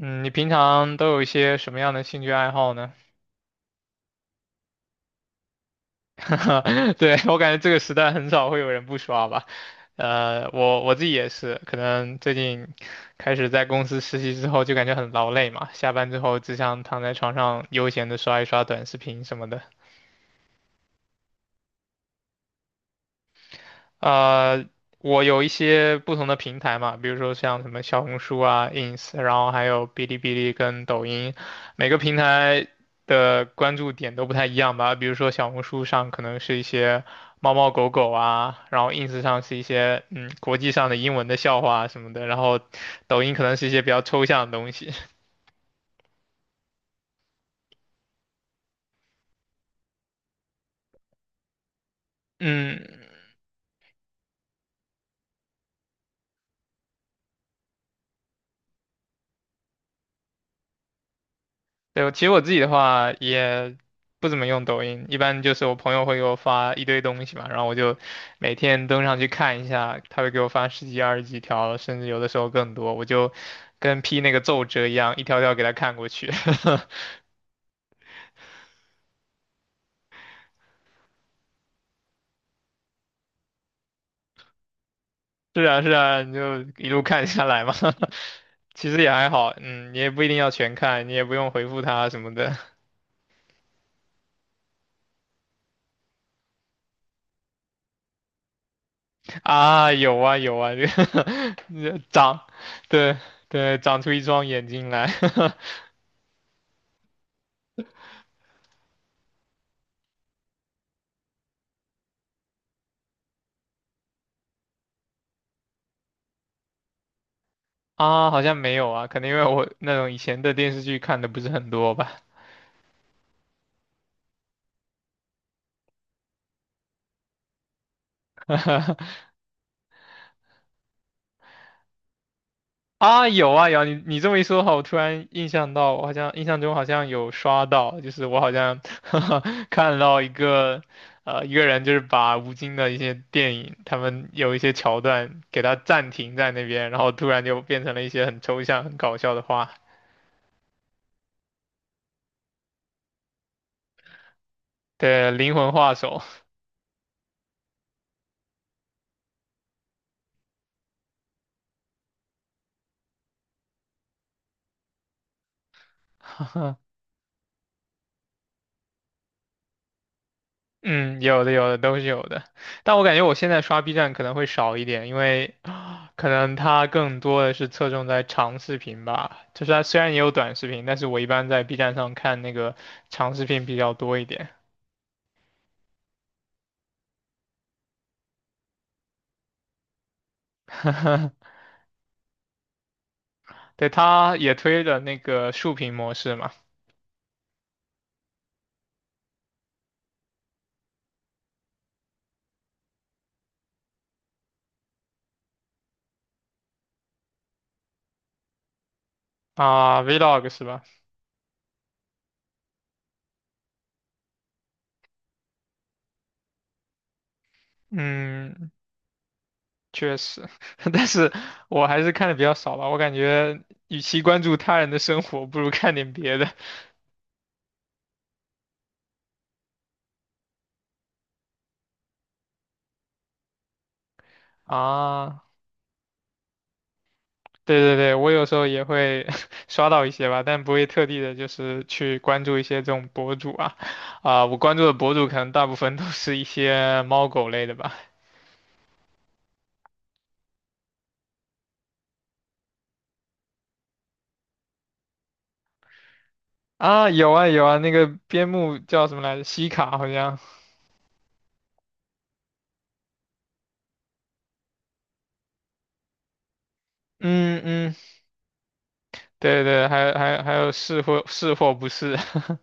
嗯，你平常都有一些什么样的兴趣爱好呢？对，我感觉这个时代很少会有人不刷吧。我自己也是，可能最近开始在公司实习之后，就感觉很劳累嘛，下班之后只想躺在床上悠闲的刷一刷短视频什么的。呃，我有一些不同的平台嘛，比如说像什么小红书啊、ins,然后还有哔哩哔哩跟抖音，每个平台的关注点都不太一样吧。比如说小红书上可能是一些猫猫狗狗啊，然后 ins 上是一些国际上的英文的笑话啊什么的，然后抖音可能是一些比较抽象的东西。嗯，对，其实我自己的话也不怎么用抖音，一般就是我朋友会给我发一堆东西嘛，然后我就每天登上去看一下，他会给我发十几、二十几条，甚至有的时候更多，我就跟批那个奏折一样，一条条给他看过去。是啊，是啊，你就一路看下来嘛。其实也还好，嗯，你也不一定要全看，你也不用回复他什么的 啊。有啊，有啊，这个 长，对对，长出一双眼睛来。啊，好像没有啊，可能因为我那种以前的电视剧看的不是很多吧。啊，有啊有啊你这么一说的话我突然印象到，我好像印象中好像有刷到，就是我好像 看到一个一个人就是把吴京的一些电影，他们有一些桥段给他暂停在那边，然后突然就变成了一些很抽象、很搞笑的话，对，灵魂画手。嗯，有的有的都是有的，但我感觉我现在刷 B 站可能会少一点，因为 可能它更多的是侧重在长视频吧。就是它虽然也有短视频，但是我一般在 B 站上看那个长视频比较多一点。对，它也推了那个竖屏模式嘛，啊，Vlog 是吧？嗯，确实，但是我还是看的比较少吧。我感觉与其关注他人的生活，不如看点别的 啊。对对对，我有时候也会 刷到一些吧，但不会特地的，就是去关注一些这种博主啊，啊、我关注的博主可能大部分都是一些猫狗类的吧。啊，有啊有啊，那个边牧叫什么来着？西卡好像，嗯嗯，对对，还有还有还有是或是或不是，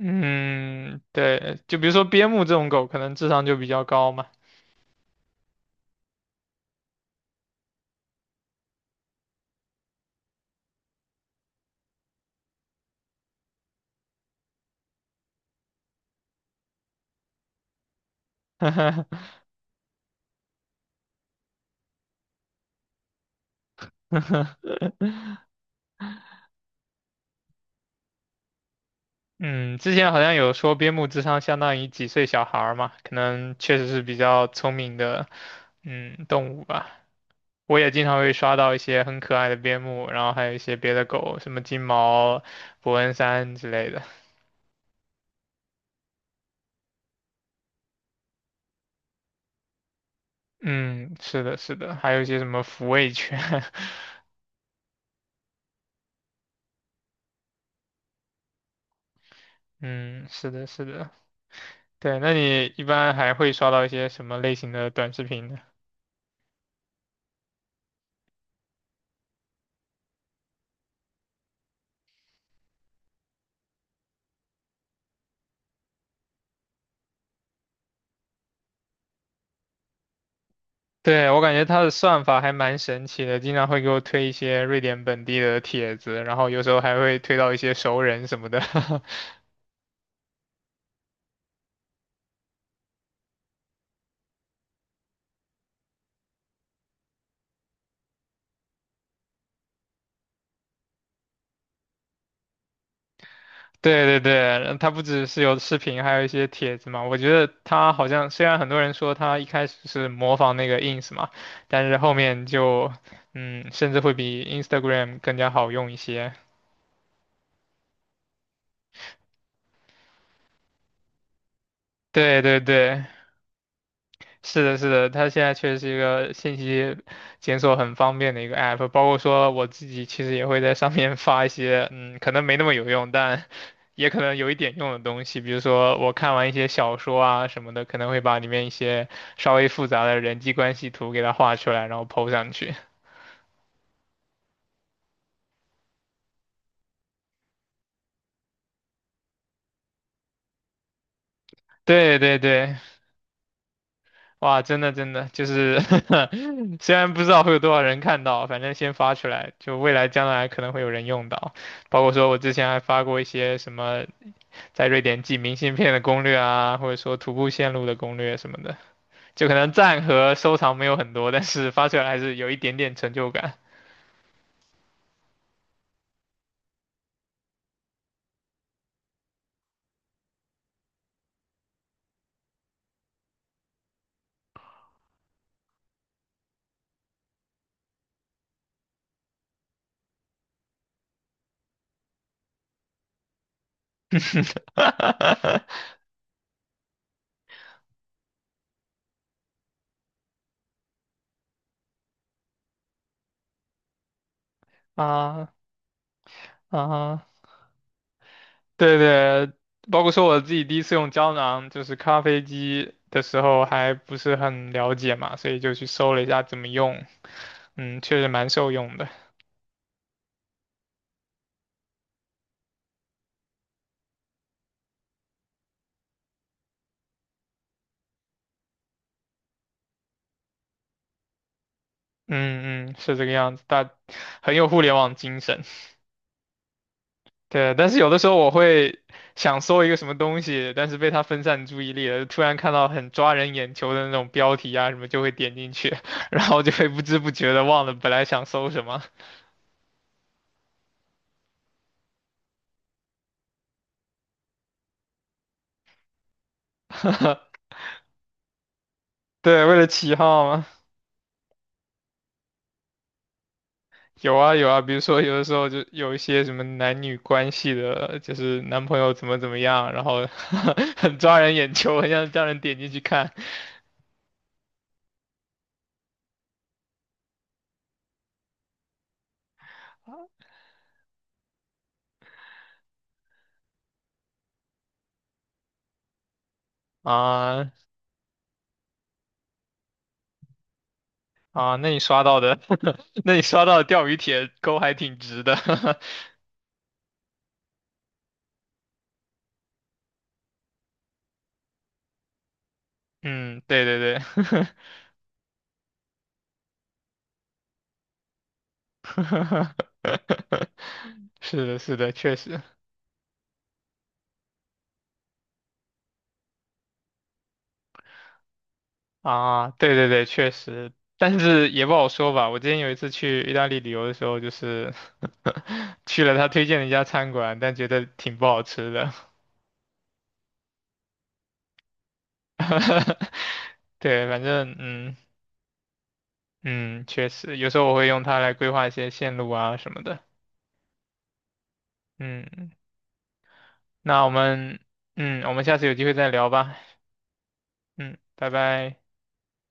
嗯，对，就比如说边牧这种狗，可能智商就比较高嘛。嗯，之前好像有说边牧智商相当于几岁小孩儿嘛，可能确实是比较聪明的，嗯，动物吧。我也经常会刷到一些很可爱的边牧，然后还有一些别的狗，什么金毛、伯恩山之类的。嗯，是的，是的，还有一些什么抚慰犬。嗯，是的，是的。对，那你一般还会刷到一些什么类型的短视频呢？对，我感觉它的算法还蛮神奇的，经常会给我推一些瑞典本地的帖子，然后有时候还会推到一些熟人什么的。对对对，它不只是有视频，还有一些帖子嘛。我觉得它好像虽然很多人说它一开始是模仿那个 ins 嘛，但是后面就嗯，甚至会比 Instagram 更加好用一些。对对对。是的，是的，它现在确实是一个信息检索很方便的一个 app,包括说我自己其实也会在上面 发一些，嗯，可能没那么有用，但也可能有一点用的东西，比如说我看完一些小说啊什么的，可能会把里面一些稍微复杂的人际关系图给它画出来，然后 po 上去。对对对，哇，真的就是 虽然不知道会有多少人看到，反正先发出来，就未来将来可能会有人用到。包括说我之前还发过一些什么在瑞典寄明信片的攻略啊，或者说徒步线路的攻略什么的，就可能赞和收藏没有很多，但是发出来还是有一点点成就感。啊啊。对对，包括说我自己第一次用胶囊，就是咖啡机的时候还不是很了解嘛，所以就去搜了一下怎么用，嗯，确实蛮受用的。嗯嗯，是这个样子，大很有互联网精神。对，但是有的时候我会想搜一个什么东西，但是被它分散注意力了突然看到很抓人眼球的那种标题啊什么，就会点进去，然后就会不知不觉的忘了本来想搜什么。对，为了起号有啊有啊，比如说有的时候就有一些什么男女关系的，就是男朋友怎么怎么样，然后 很抓人眼球，很想叫人点进去看啊啊，那你刷到的，那你刷到的钓鱼帖钩还挺直的，嗯，对对对，是的是的，确实。啊，对对对，确实，但是也不好说吧。我之前有一次去意大利旅游的时候，就是 去了他推荐的一家餐馆，但觉得挺不好吃的。对，反正嗯嗯，确实，有时候我会用它来规划一些线路啊什么的。嗯，那我们嗯，我们下次有机会再聊吧。嗯，拜拜。